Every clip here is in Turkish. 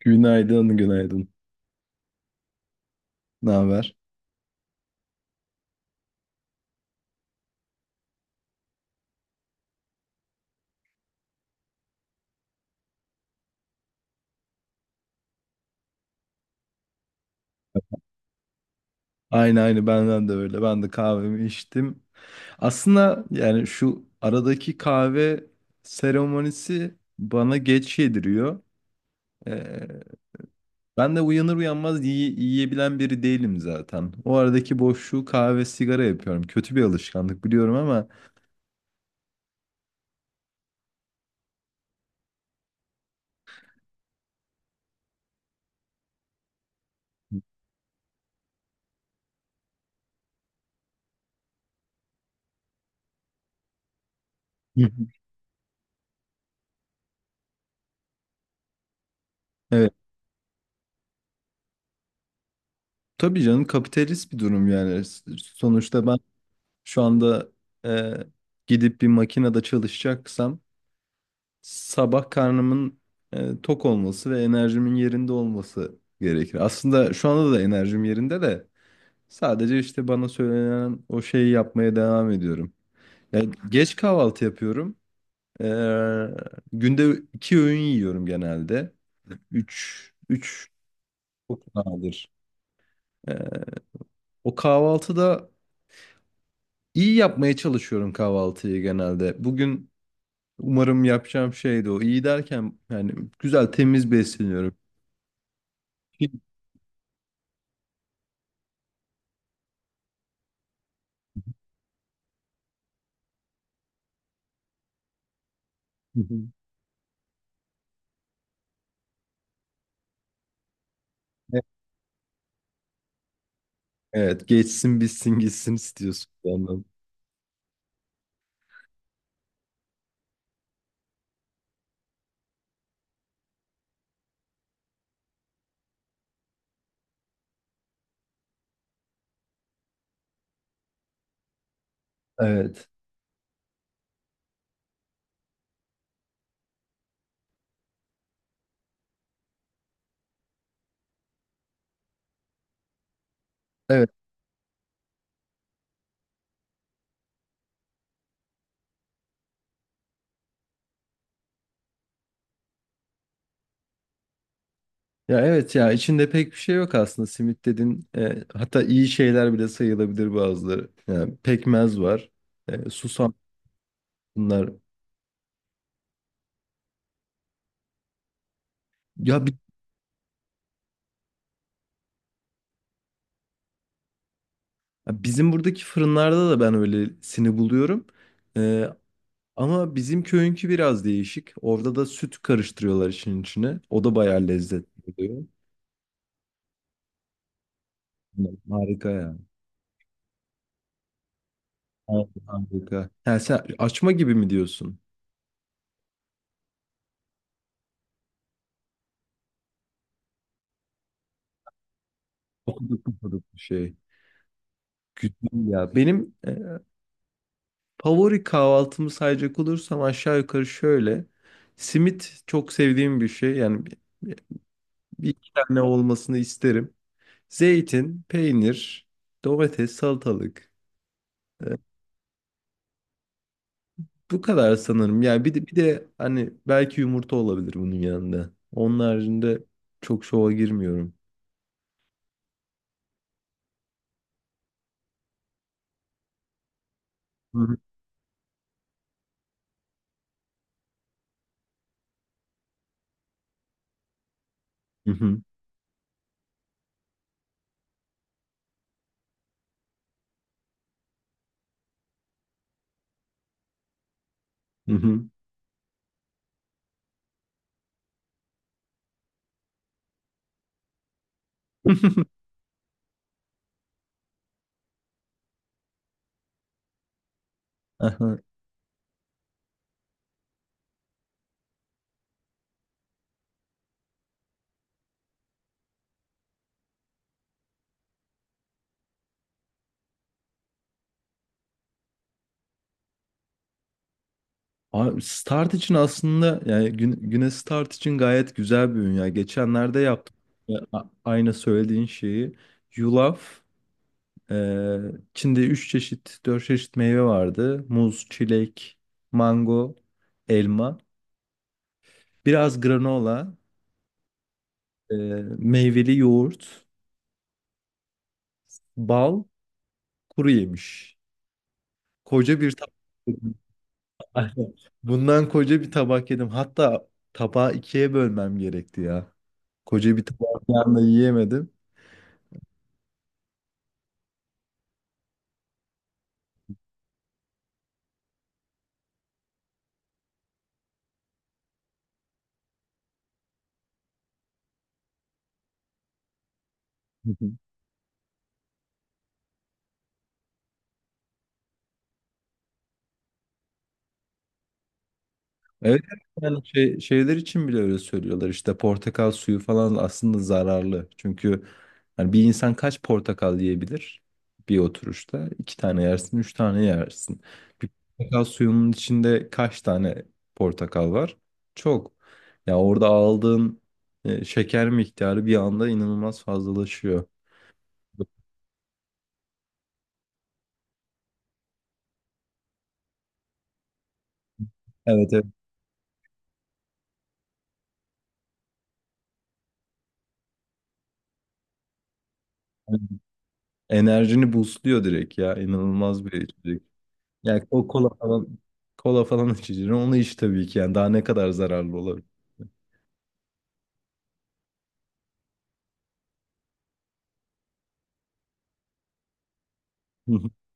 Günaydın, günaydın. Ne haber? Aynı aynı benden de öyle. Ben de kahvemi içtim. Aslında yani şu aradaki kahve seremonisi bana geç yediriyor. Ee, ben de uyanır uyanmaz yiyebilen biri değilim zaten. O aradaki boşluğu kahve sigara yapıyorum. Kötü bir alışkanlık biliyorum ama hı hı. Evet. Tabii canım kapitalist bir durum yani. Sonuçta ben şu anda e, gidip bir makinede çalışacaksam sabah karnımın tok olması ve enerjimin yerinde olması gerekir. Aslında şu anda da enerjim yerinde de sadece işte bana söylenen o şeyi yapmaya devam ediyorum. Yani geç kahvaltı yapıyorum. Ee, günde iki öğün yiyorum genelde. Üç çok nadir. Ee, o kahvaltıda iyi yapmaya çalışıyorum kahvaltıyı genelde. Bugün umarım yapacağım şey de o. İyi derken yani güzel temiz besleniyorum. Evet, geçsin bitsin gitsin istiyorsun bir yandan. Evet. Evet. Ya evet, ya içinde pek bir şey yok aslında simit dedin. Hatta iyi şeyler bile sayılabilir bazıları. Yani pekmez var. Susam bunlar. Ya bi- Bizim buradaki fırınlarda da ben öylesini buluyorum. E, ama bizim köyünkü biraz değişik. Orada da süt karıştırıyorlar işin içine. O da bayağı lezzetli oluyor. Harika ya. Harika. Harika. Yani sen açma gibi mi diyorsun? Okuduk okuduk bir şey. Güzel ya. Benim favori kahvaltımı sayacak olursam aşağı yukarı şöyle. Simit çok sevdiğim bir şey. Yani bir- iki tane olmasını isterim. Zeytin, peynir, domates, salatalık. E, bu kadar sanırım. Yani bir de hani belki yumurta olabilir bunun yanında. Onun haricinde çok şova girmiyorum. Hı hı. Hı hı. Hı hı. Aha. Abi Start için aslında yani Güne Güneş Start için gayet güzel bir ürün ya. Geçenlerde yaptım. Ya, aynı söylediğin şeyi. Yulaf, e, içinde 3 çeşit, 4 çeşit meyve vardı. Muz, çilek, mango, elma. Biraz granola, e, meyveli yoğurt, bal, kuru yemiş. Koca bir tabak. Aynen. Bundan koca bir tabak yedim. Hatta tabağı ikiye bölmem gerekti ya. Koca bir tabağı bir anda yiyemedim. Evet, yani şeyler için bile öyle söylüyorlar işte portakal suyu falan aslında zararlı. Çünkü hani bir insan kaç portakal yiyebilir bir oturuşta? İki tane yersin, üç tane yersin. Bir portakal suyunun içinde kaç tane portakal var? Çok. Ya orada aldığın şeker miktarı bir anda inanılmaz fazlalaşıyor. Evet, evet. Enerjini boostluyor direkt ya. İnanılmaz bir içecek. Yani o kola falan kola falan içeceğim. Onu iç tabii ki yani daha ne kadar zararlı olabilir.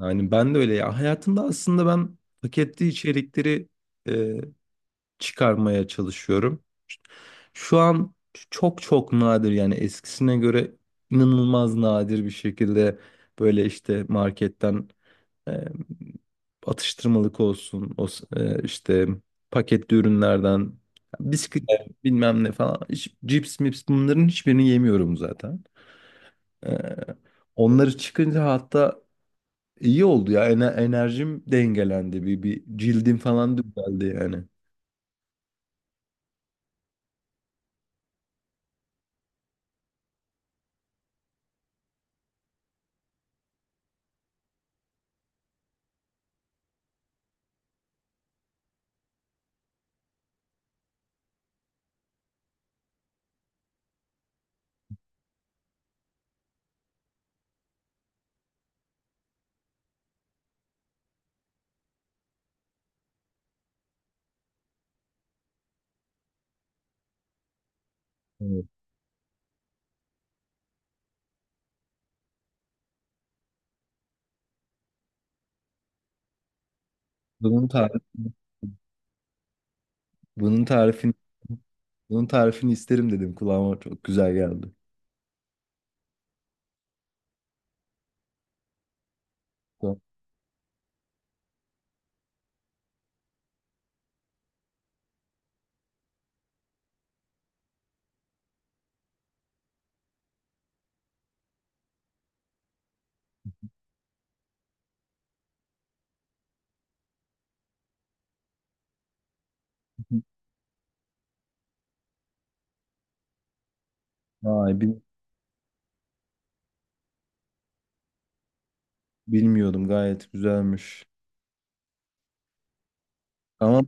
Yani ben de öyle ya. Hayatımda aslında ben paketli içerikleri e, çıkarmaya çalışıyorum. Şu an çok çok nadir, yani eskisine göre inanılmaz nadir bir şekilde böyle işte marketten E, atıştırmalık olsun, işte paketli ürünlerden, bisküvi, evet, bilmem ne falan, hiç, cips mips, bunların hiçbirini yemiyorum zaten. E, onları çıkınca hatta iyi oldu ya, enerjim dengelendi, bir cildim falan düzeldi yani. Evet. Bunun tarifini, bunun tarifini, bunun tarifini isterim dedim, kulağıma çok güzel geldi. Vay bil- Bilmiyordum, gayet güzelmiş. Ama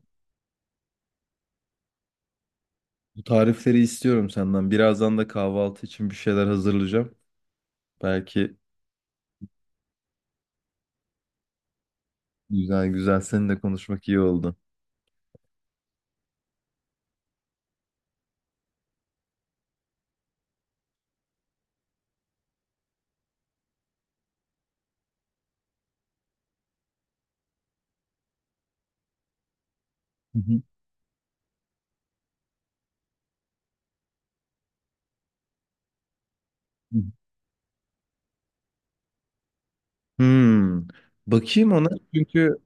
bu tarifleri istiyorum senden. Birazdan da kahvaltı için bir şeyler hazırlayacağım. Belki güzel güzel seninle konuşmak iyi oldu. Hı hı, hı. Hmm. Bakayım ona çünkü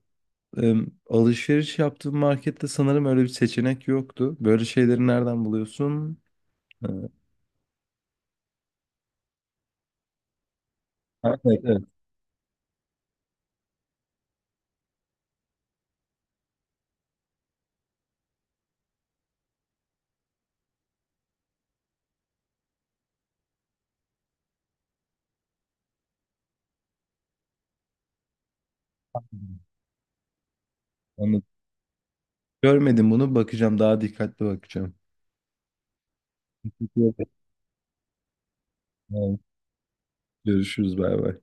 alışveriş yaptığım markette sanırım öyle bir seçenek yoktu. Böyle şeyleri nereden buluyorsun? Ee, Evet, evet. Anladım. Görmedim bunu, bakacağım, daha dikkatli bakacağım. Evet. Görüşürüz, bay bay.